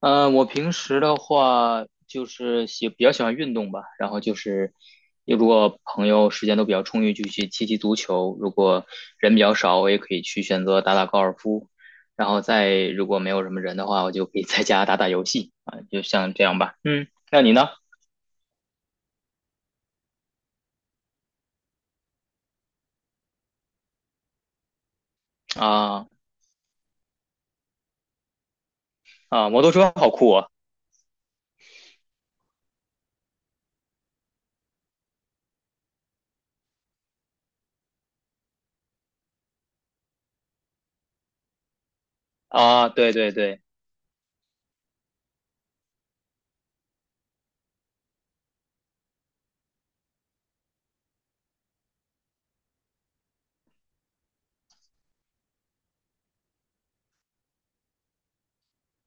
嗯，我平时的话就是比较喜欢运动吧，然后就是如果朋友时间都比较充裕，就去踢踢足球；如果人比较少，我也可以去选择打打高尔夫。然后再如果没有什么人的话，我就可以在家打打游戏啊，就像这样吧。嗯，那你呢？啊啊，摩托车好酷啊！啊，对对对，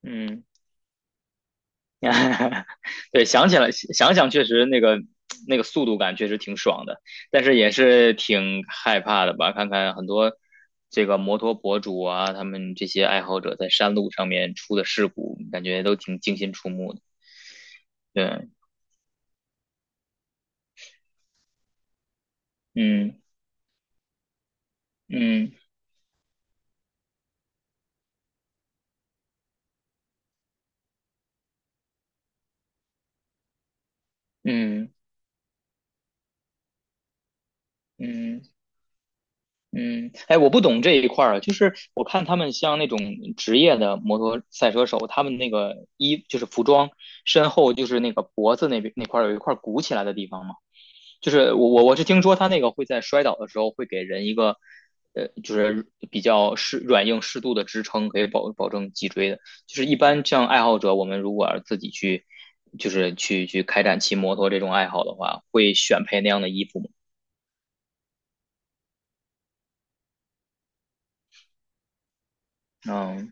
嗯 对，想起来想想，确实那个速度感确实挺爽的，但是也是挺害怕的吧？看看很多这个摩托博主啊，他们这些爱好者在山路上面出的事故，感觉都挺惊心触目的。对，嗯嗯嗯嗯嗯，哎，我不懂这一块儿啊，就是我看他们像那种职业的摩托赛车手，他们那个衣就是服装，身后就是那个脖子那边那块儿有一块鼓起来的地方嘛。就是我是听说他那个会在摔倒的时候会给人一个就是比较软硬适度的支撑，可以保证脊椎的。就是一般像爱好者，我们如果要是自己去就是去开展骑摩托这种爱好的话，会选配那样的衣服吗？嗯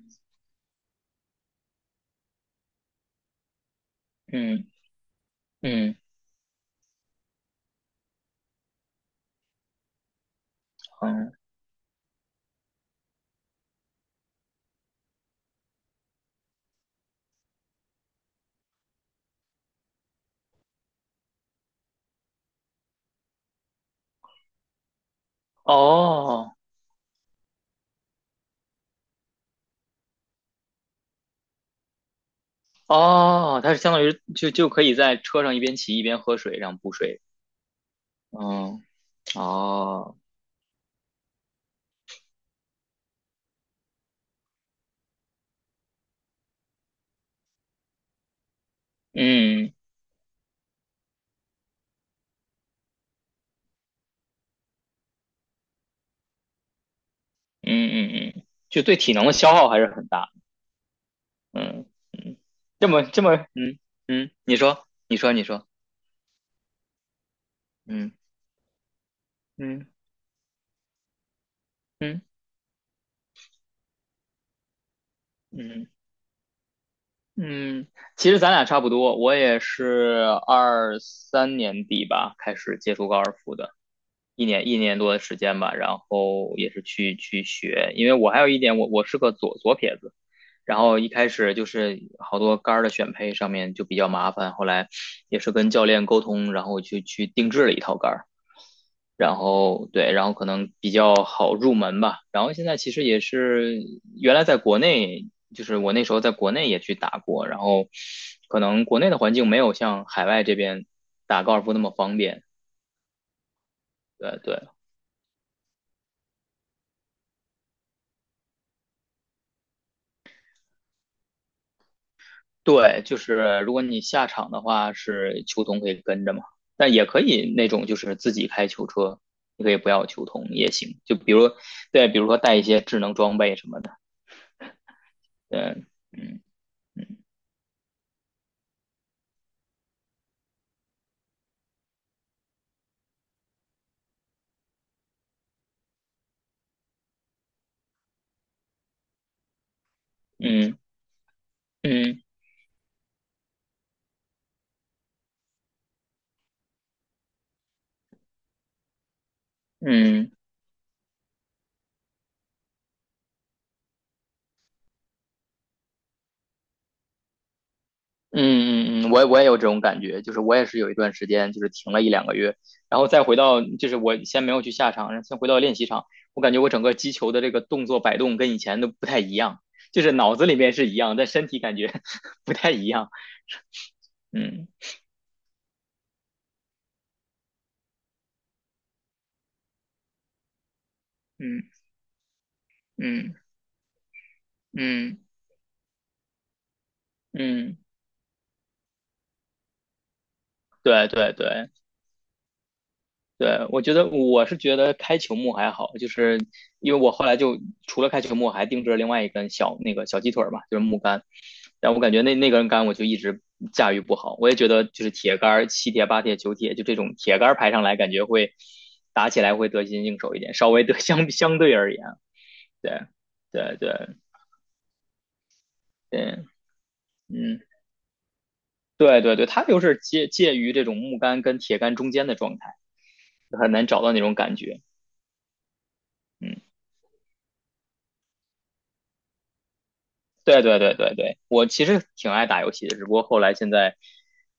嗯嗯嗯，哦哦，它是相当于就可以在车上一边骑一边喝水，然后补水。嗯哦嗯嗯嗯嗯，嗯就对体能的消耗还是很大。嗯嗯，这么，嗯嗯，你说，你说，你说，嗯嗯嗯嗯嗯，其实咱俩差不多，我也是23年底吧开始接触高尔夫的，一年多的时间吧，然后也是去学，因为我还有一点，我是个左撇子，然后一开始就是好多杆儿的选配上面就比较麻烦，后来也是跟教练沟通，然后去定制了一套杆儿。然后对，然后可能比较好入门吧。然后现在其实也是原来在国内，就是我那时候在国内也去打过，然后可能国内的环境没有像海外这边打高尔夫那么方便。对对对，就是如果你下场的话，是球童可以跟着嘛，但也可以那种就是自己开球车，你可以不要球童也行。就比如对，比如说带一些智能装备什么的。对，嗯嗯嗯嗯。嗯嗯嗯嗯，我也有这种感觉，就是我也是有一段时间就是停了一两个月，然后再回到就是我先没有去下场，然后先回到练习场，我感觉我整个击球的这个动作摆动跟以前都不太一样，就是脑子里面是一样，但身体感觉 不太一样。嗯嗯嗯嗯嗯，对对对。对，我觉得觉得开球幕还好，就是因为我后来就除了开球幕，还定制了另外一根那个小鸡腿儿嘛，就是木杆。但我感觉那根杆我就一直驾驭不好，我也觉得就是铁杆7铁8铁9铁，就这种铁杆排上来，感觉会打起来会得心应手一点，稍微得 相对而言，对对对对，嗯，对对对，它就是介于这种木杆跟铁杆中间的状态，很难找到那种感觉，嗯。对对对对对，我其实挺爱打游戏的，只不过后来现在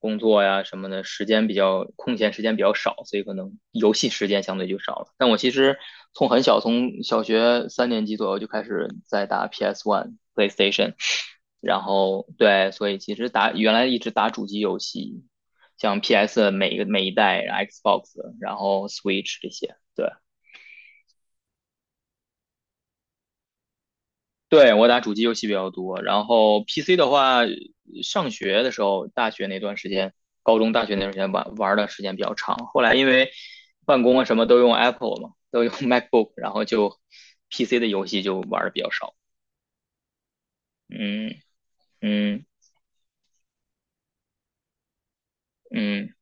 工作呀什么的，时间比较空闲，时间比较少，所以可能游戏时间相对就少了。但我其实从很小，从小学三年级左右就开始在打 PS One、PlayStation,然后对，所以其实原来一直打主机游戏，像 PS 每一代、Xbox,然后 Switch 这些，对。对，我打主机游戏比较多，然后 PC 的话，上学的时候，大学那段时间，高中、大学那段时间玩玩的时间比较长。后来因为办公啊什么都用 Apple 嘛，都用 MacBook,然后就 PC 的游戏就玩的比较少。嗯嗯嗯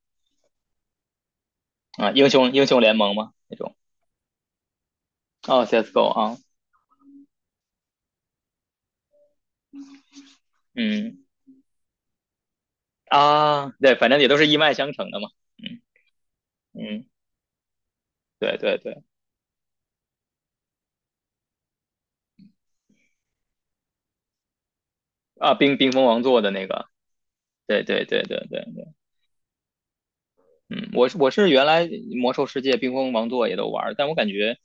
啊，英雄联盟嘛那种。哦，CS:GO 啊，嗯啊，对，反正也都是一脉相承的嘛。嗯嗯，对对对啊，冰封王座的那个，对对对对对。嗯，我是原来魔兽世界、冰封王座也都玩儿，但我感觉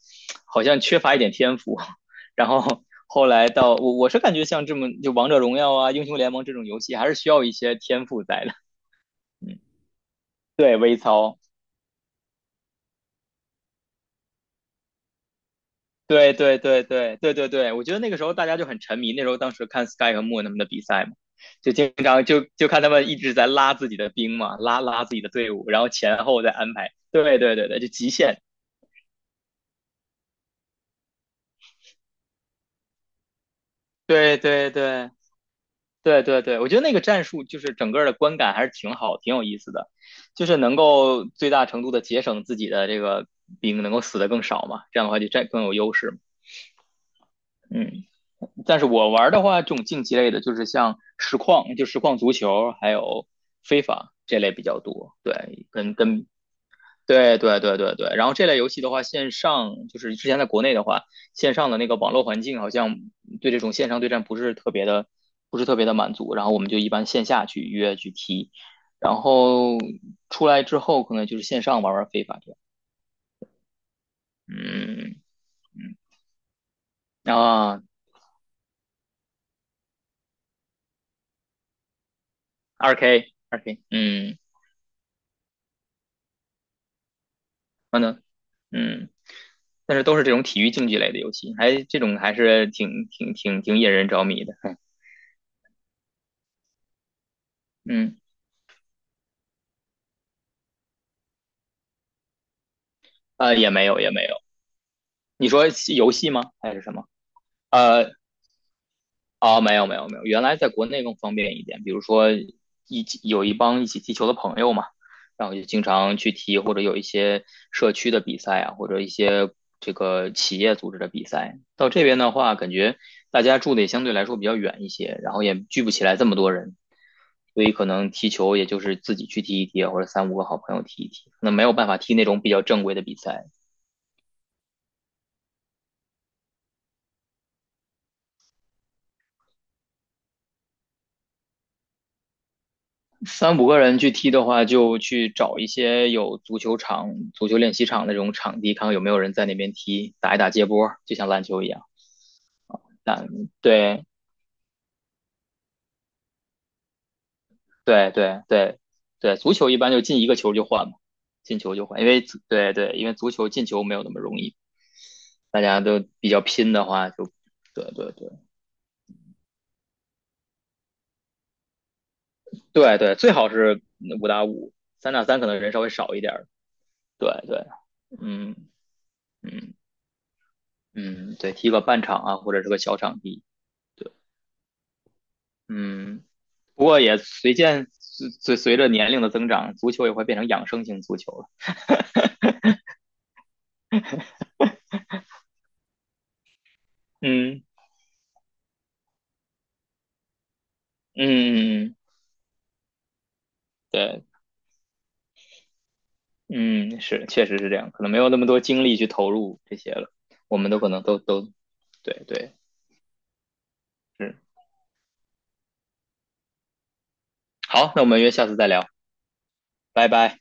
好像缺乏一点天赋。然后后来到我我是感觉像就王者荣耀啊、英雄联盟这种游戏，还是需要一些天赋在的。嗯，对，微操，对对对对对对对，我觉得那个时候大家就很沉迷，那时候当时看 Sky 和 Moon 他们的比赛嘛，就经常就看他们一直在拉自己的兵嘛，拉拉自己的队伍，然后前后再安排。对对对对，就极限。对对对对对对，我觉得那个战术就是整个的观感还是挺好，挺有意思的，就是能够最大程度的节省自己的这个兵，能够死的更少嘛，这样的话就占更有优势嘛。嗯，但是我玩的话，这种竞技类的，就是像实况，就实况足球，还有非法这类比较多。对，对对对对对，然后这类游戏的话，线上就是之前在国内的话，线上的那个网络环境好像对这种线上对战不是特别的满足，然后我们就一般线下去约去踢，然后出来之后可能就是线上玩玩非法这样，嗯嗯啊，二 K 二 K,嗯，完了嗯，但是都是这种体育竞技类的游戏，这种还是挺引人着迷的，嗯啊，也没有也没有，你说游戏吗还是什么？呃，哦，没有没有没有，原来在国内更方便一点，比如说有一帮一起踢球的朋友嘛，然后就经常去踢，或者有一些社区的比赛啊，或者一些这个企业组织的比赛。到这边的话，感觉大家住的也相对来说比较远一些，然后也聚不起来这么多人，所以可能踢球也就是自己去踢一踢啊，或者三五个好朋友踢一踢，可能没有办法踢那种比较正规的比赛。三五个人去踢的话，就去找一些有足球场、足球练习场那种场地，看看有没有人在那边踢，打一打接波，就像篮球一样。但对对对对对，足球一般就进一个球就换嘛，进球就换，因为足对对，因为足球进球没有那么容易，大家都比较拼的话就，对对对对对，最好是5打5，3打3可能人稍微少一点儿，对对，嗯嗯嗯，对，踢个半场啊，或者是个小场地。对。嗯，不过也随见随随随着年龄的增长，足球也会变成养生型足球了。嗯嗯，对，嗯是，确实是这样，可能没有那么多精力去投入这些了，我们都可能都，对对，是。好，那我们约下次再聊，拜拜。